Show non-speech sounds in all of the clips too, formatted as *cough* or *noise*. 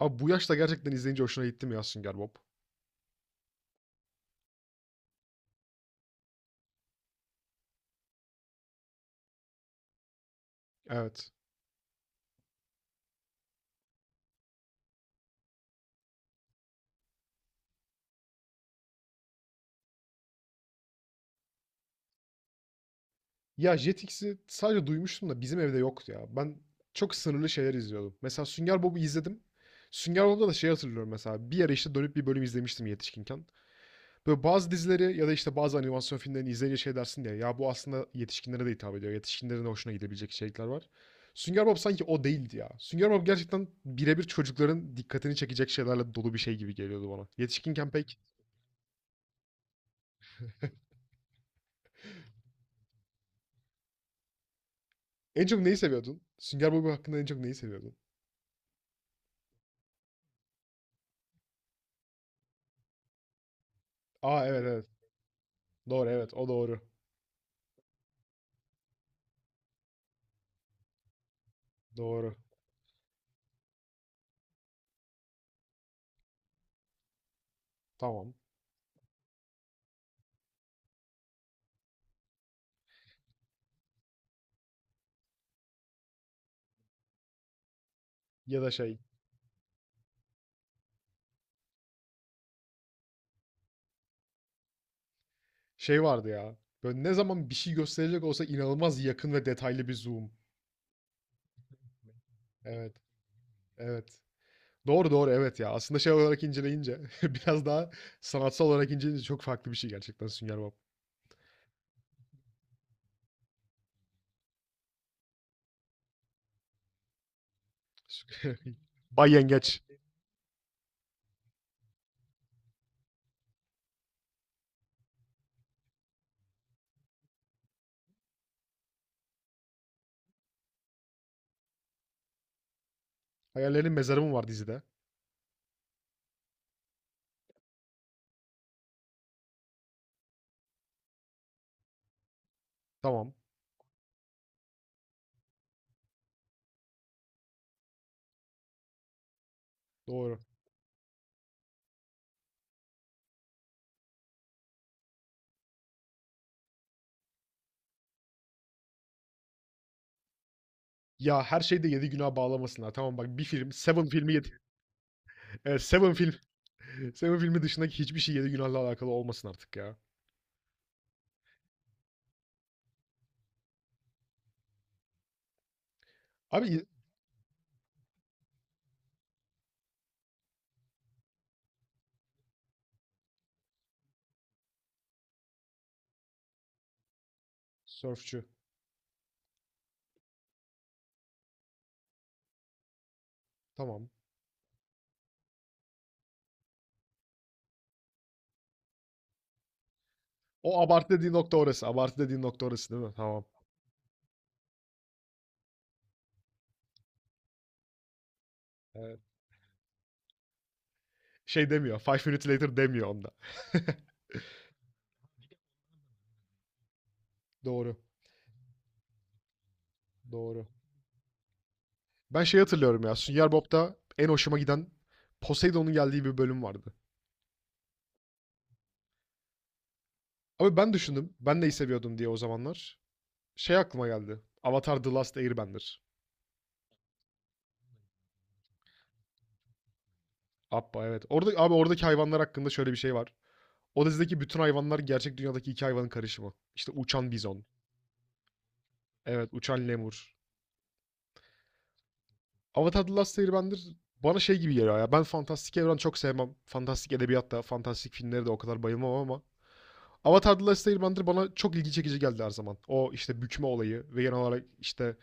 Abi bu yaşta gerçekten izleyince hoşuna gitti mi ya Sünger Bob? Evet. Ya Jetix'i sadece duymuştum da bizim evde yoktu ya. Ben çok sınırlı şeyler izliyordum. Mesela Sünger Bob'u izledim. Sünger Bob'da da şey hatırlıyorum mesela. Bir ara işte dönüp bir bölüm izlemiştim yetişkinken. Böyle bazı dizileri ya da işte bazı animasyon filmlerini izleyince şey dersin diye. Ya bu aslında yetişkinlere de hitap ediyor. Yetişkinlerin de hoşuna gidebilecek içerikler var. Sünger Bob sanki o değildi ya. Sünger Bob gerçekten birebir çocukların dikkatini çekecek şeylerle dolu bir şey gibi geliyordu bana. Yetişkinken pek. En çok neyi seviyordun? Sünger Bob hakkında en çok neyi seviyordun? Aa evet evet. Doğru evet o doğru. Doğru. Tamam. Ya da şey. Şey vardı ya. Böyle ne zaman bir şey gösterecek olsa inanılmaz yakın ve detaylı bir zoom. Evet. Evet. Doğru doğru evet ya. Aslında şey olarak inceleyince *laughs* biraz daha sanatsal olarak inceleyince çok farklı bir şey gerçekten Sünger Bob. *laughs* Bay Yengeç. Hayallerin mezarı mı var dizide? Tamam. Doğru. Ya her şeyde yedi günah bağlamasınlar. Tamam bak bir film. Seven filmi yedi. Evet, Seven film. *laughs* Seven filmi dışındaki hiçbir şey yedi günahla alakalı olmasın artık ya. Abi y- sörfçü. Tamam. O abartı dediğin nokta orası. Abartı dediğin nokta orası değil mi? Tamam. Evet. Şey demiyor. Five minutes later demiyor onda. *laughs* Doğru. Doğru. Ben şey hatırlıyorum ya. Sünger Bob'da en hoşuma giden Poseidon'un geldiği bir bölüm vardı. Abi ben düşündüm. Ben neyi seviyordum diye o zamanlar. Şey aklıma geldi. Avatar The Last Airbender. Abba evet. Orada, abi oradaki hayvanlar hakkında şöyle bir şey var. O dizideki bütün hayvanlar gerçek dünyadaki iki hayvanın karışımı. İşte uçan bizon. Evet uçan lemur. Avatar The Last Airbender bana şey gibi geliyor ya. Ben fantastik evren çok sevmem. Fantastik edebiyat da, fantastik filmleri de o kadar bayılmam ama Avatar The Last Airbender bana çok ilgi çekici geldi her zaman. O işte bükme olayı ve genel olarak işte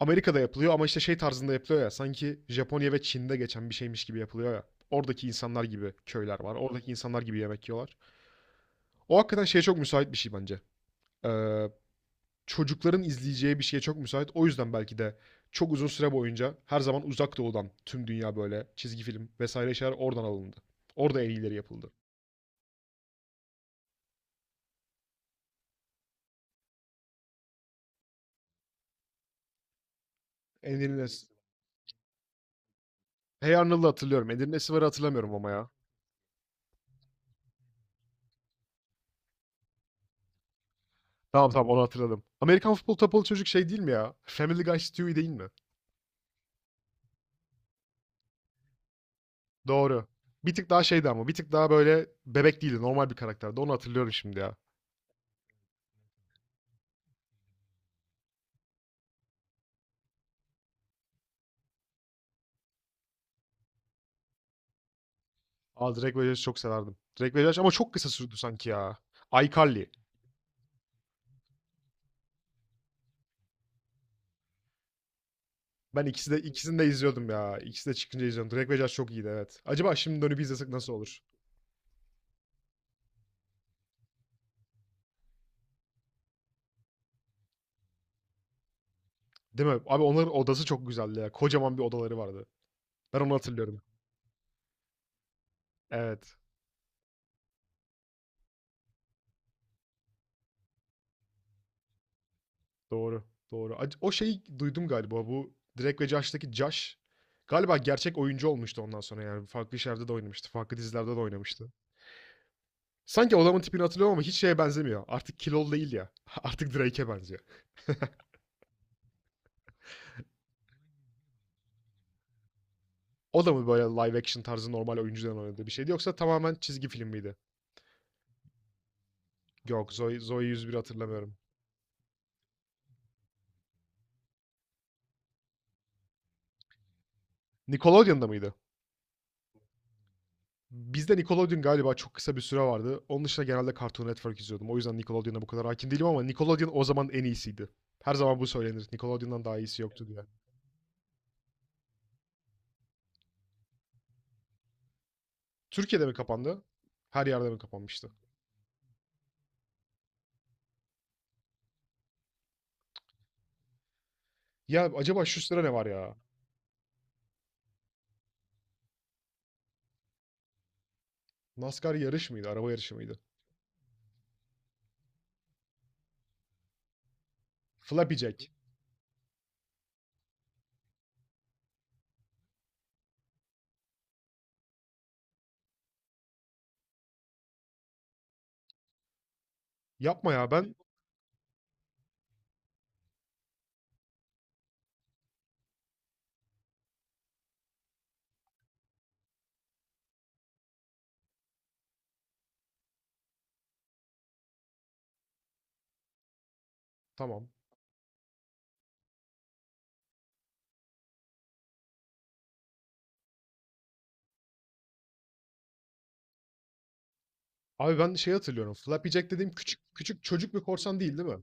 Amerika'da yapılıyor ama işte şey tarzında yapılıyor ya. Sanki Japonya ve Çin'de geçen bir şeymiş gibi yapılıyor ya. Oradaki insanlar gibi köyler var. Oradaki insanlar gibi yemek yiyorlar. O hakikaten şeye çok müsait bir şey bence. Ee, çocukların izleyeceği bir şeye çok müsait. O yüzden belki de çok uzun süre boyunca her zaman uzak doğudan tüm dünya böyle çizgi film vesaire şeyler oradan alındı. Orada en iyileri yapıldı. Ender'in Es- Hey Arnold'u hatırlıyorum. Ender'in Esivar'ı hatırlamıyorum ama ya. Tamam tamam onu hatırladım. Amerikan Futbol Topal Çocuk şey değil mi ya? Family Guy Stewie değil mi? Doğru. Bir tık daha şeydi ama bir tık daha böyle bebek değildi. Normal bir karakterdi. Onu hatırlıyorum şimdi ya. Aa, Drake ve Josh'u çok severdim. Drake ve Josh ama çok kısa sürdü sanki ya. iCarly. Ben ikisi de ikisini de izliyordum ya. İkisi de çıkınca izliyordum. Drake ve Josh çok iyiydi evet. Acaba şimdi dönüp izlesek nasıl olur? Değil mi? Abi onların odası çok güzeldi ya. Kocaman bir odaları vardı. Ben onu hatırlıyorum. Evet. Doğru. Doğru. O şeyi duydum galiba bu Drake ve Josh'taki Josh galiba gerçek oyuncu olmuştu ondan sonra yani farklı işlerde de oynamıştı. Farklı dizilerde de oynamıştı. Sanki adamın tipini hatırlıyorum ama hiç şeye benzemiyor. Artık kilolu değil ya. *laughs* Artık Drake'e benziyor. O da mı böyle live action tarzı normal oyuncudan oynadığı bir şeydi yoksa tamamen çizgi film miydi? Yok Zoe 101 hatırlamıyorum. Nickelodeon'da mıydı? Bizde Nickelodeon galiba çok kısa bir süre vardı. Onun dışında genelde Cartoon Network izliyordum. O yüzden Nickelodeon'a bu kadar hakim değilim ama Nickelodeon o zaman en iyisiydi. Her zaman bu söylenir. Nickelodeon'dan daha iyisi yoktu diye. Türkiye'de mi kapandı? Her yerde mi kapanmıştı? Ya acaba şu sıra ne var ya? NASCAR yarış mıydı? Araba yarışı mıydı? Flappy Jack. Yapma ya ben. Tamam. Abi ben şey hatırlıyorum. Flappy Jack dediğim küçük küçük çocuk bir korsan değil değil mi?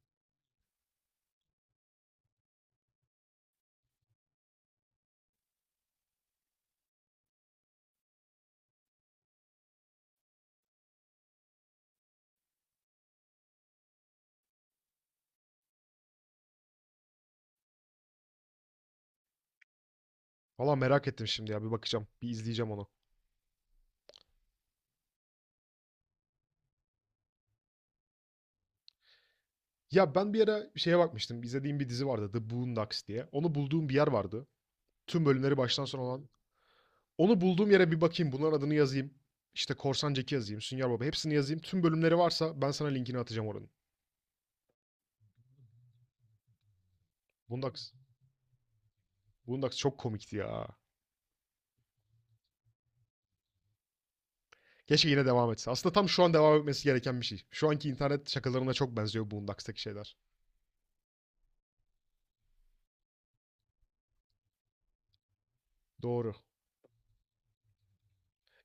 Valla merak ettim şimdi ya bir bakacağım. Bir izleyeceğim onu. Ya ben bir ara şeye bakmıştım. İzlediğim bir dizi vardı. The Boondocks diye. Onu bulduğum bir yer vardı. Tüm bölümleri baştan sona olan. Onu bulduğum yere bir bakayım. Bunların adını yazayım. İşte Korsan Jack'i yazayım. Sünger Baba hepsini yazayım. Tüm bölümleri varsa ben sana linkini atacağım oranın. Bundax, Bundax çok komikti ya. Keşke yine devam etse. Aslında tam şu an devam etmesi gereken bir şey. Şu anki internet şakalarına çok benziyor Boondocks'taki şeyler. Doğru.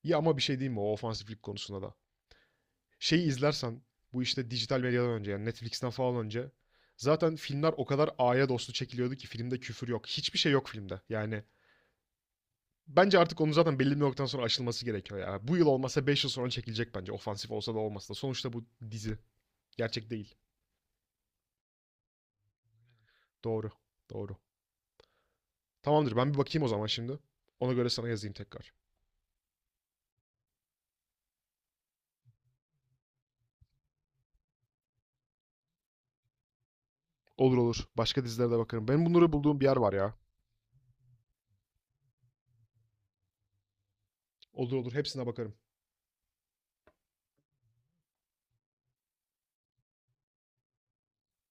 İyi ama bir şey diyeyim mi o ofansiflik konusunda da. Şeyi izlersen bu işte dijital medyadan önce yani Netflix'ten falan önce zaten filmler o kadar aya dostu çekiliyordu ki filmde küfür yok. Hiçbir şey yok filmde. Yani bence artık onun zaten belli bir noktadan sonra aşılması gerekiyor ya. Bu yıl olmasa 5 yıl sonra çekilecek bence. Ofansif olsa da olmasa da. Sonuçta bu dizi. Gerçek değil. Doğru. Doğru. Tamamdır ben bir bakayım o zaman şimdi. Ona göre sana yazayım tekrar. Olur olur. Başka dizilere de bakarım. Benim bunları bulduğum bir yer var ya. Olur olur. Hepsine bakarım.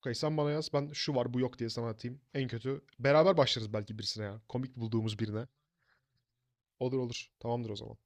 Okay, sen bana yaz. Ben şu var bu yok diye sana atayım. En kötü. Beraber başlarız belki birisine ya. Komik bulduğumuz birine. Olur olur. Tamamdır o zaman.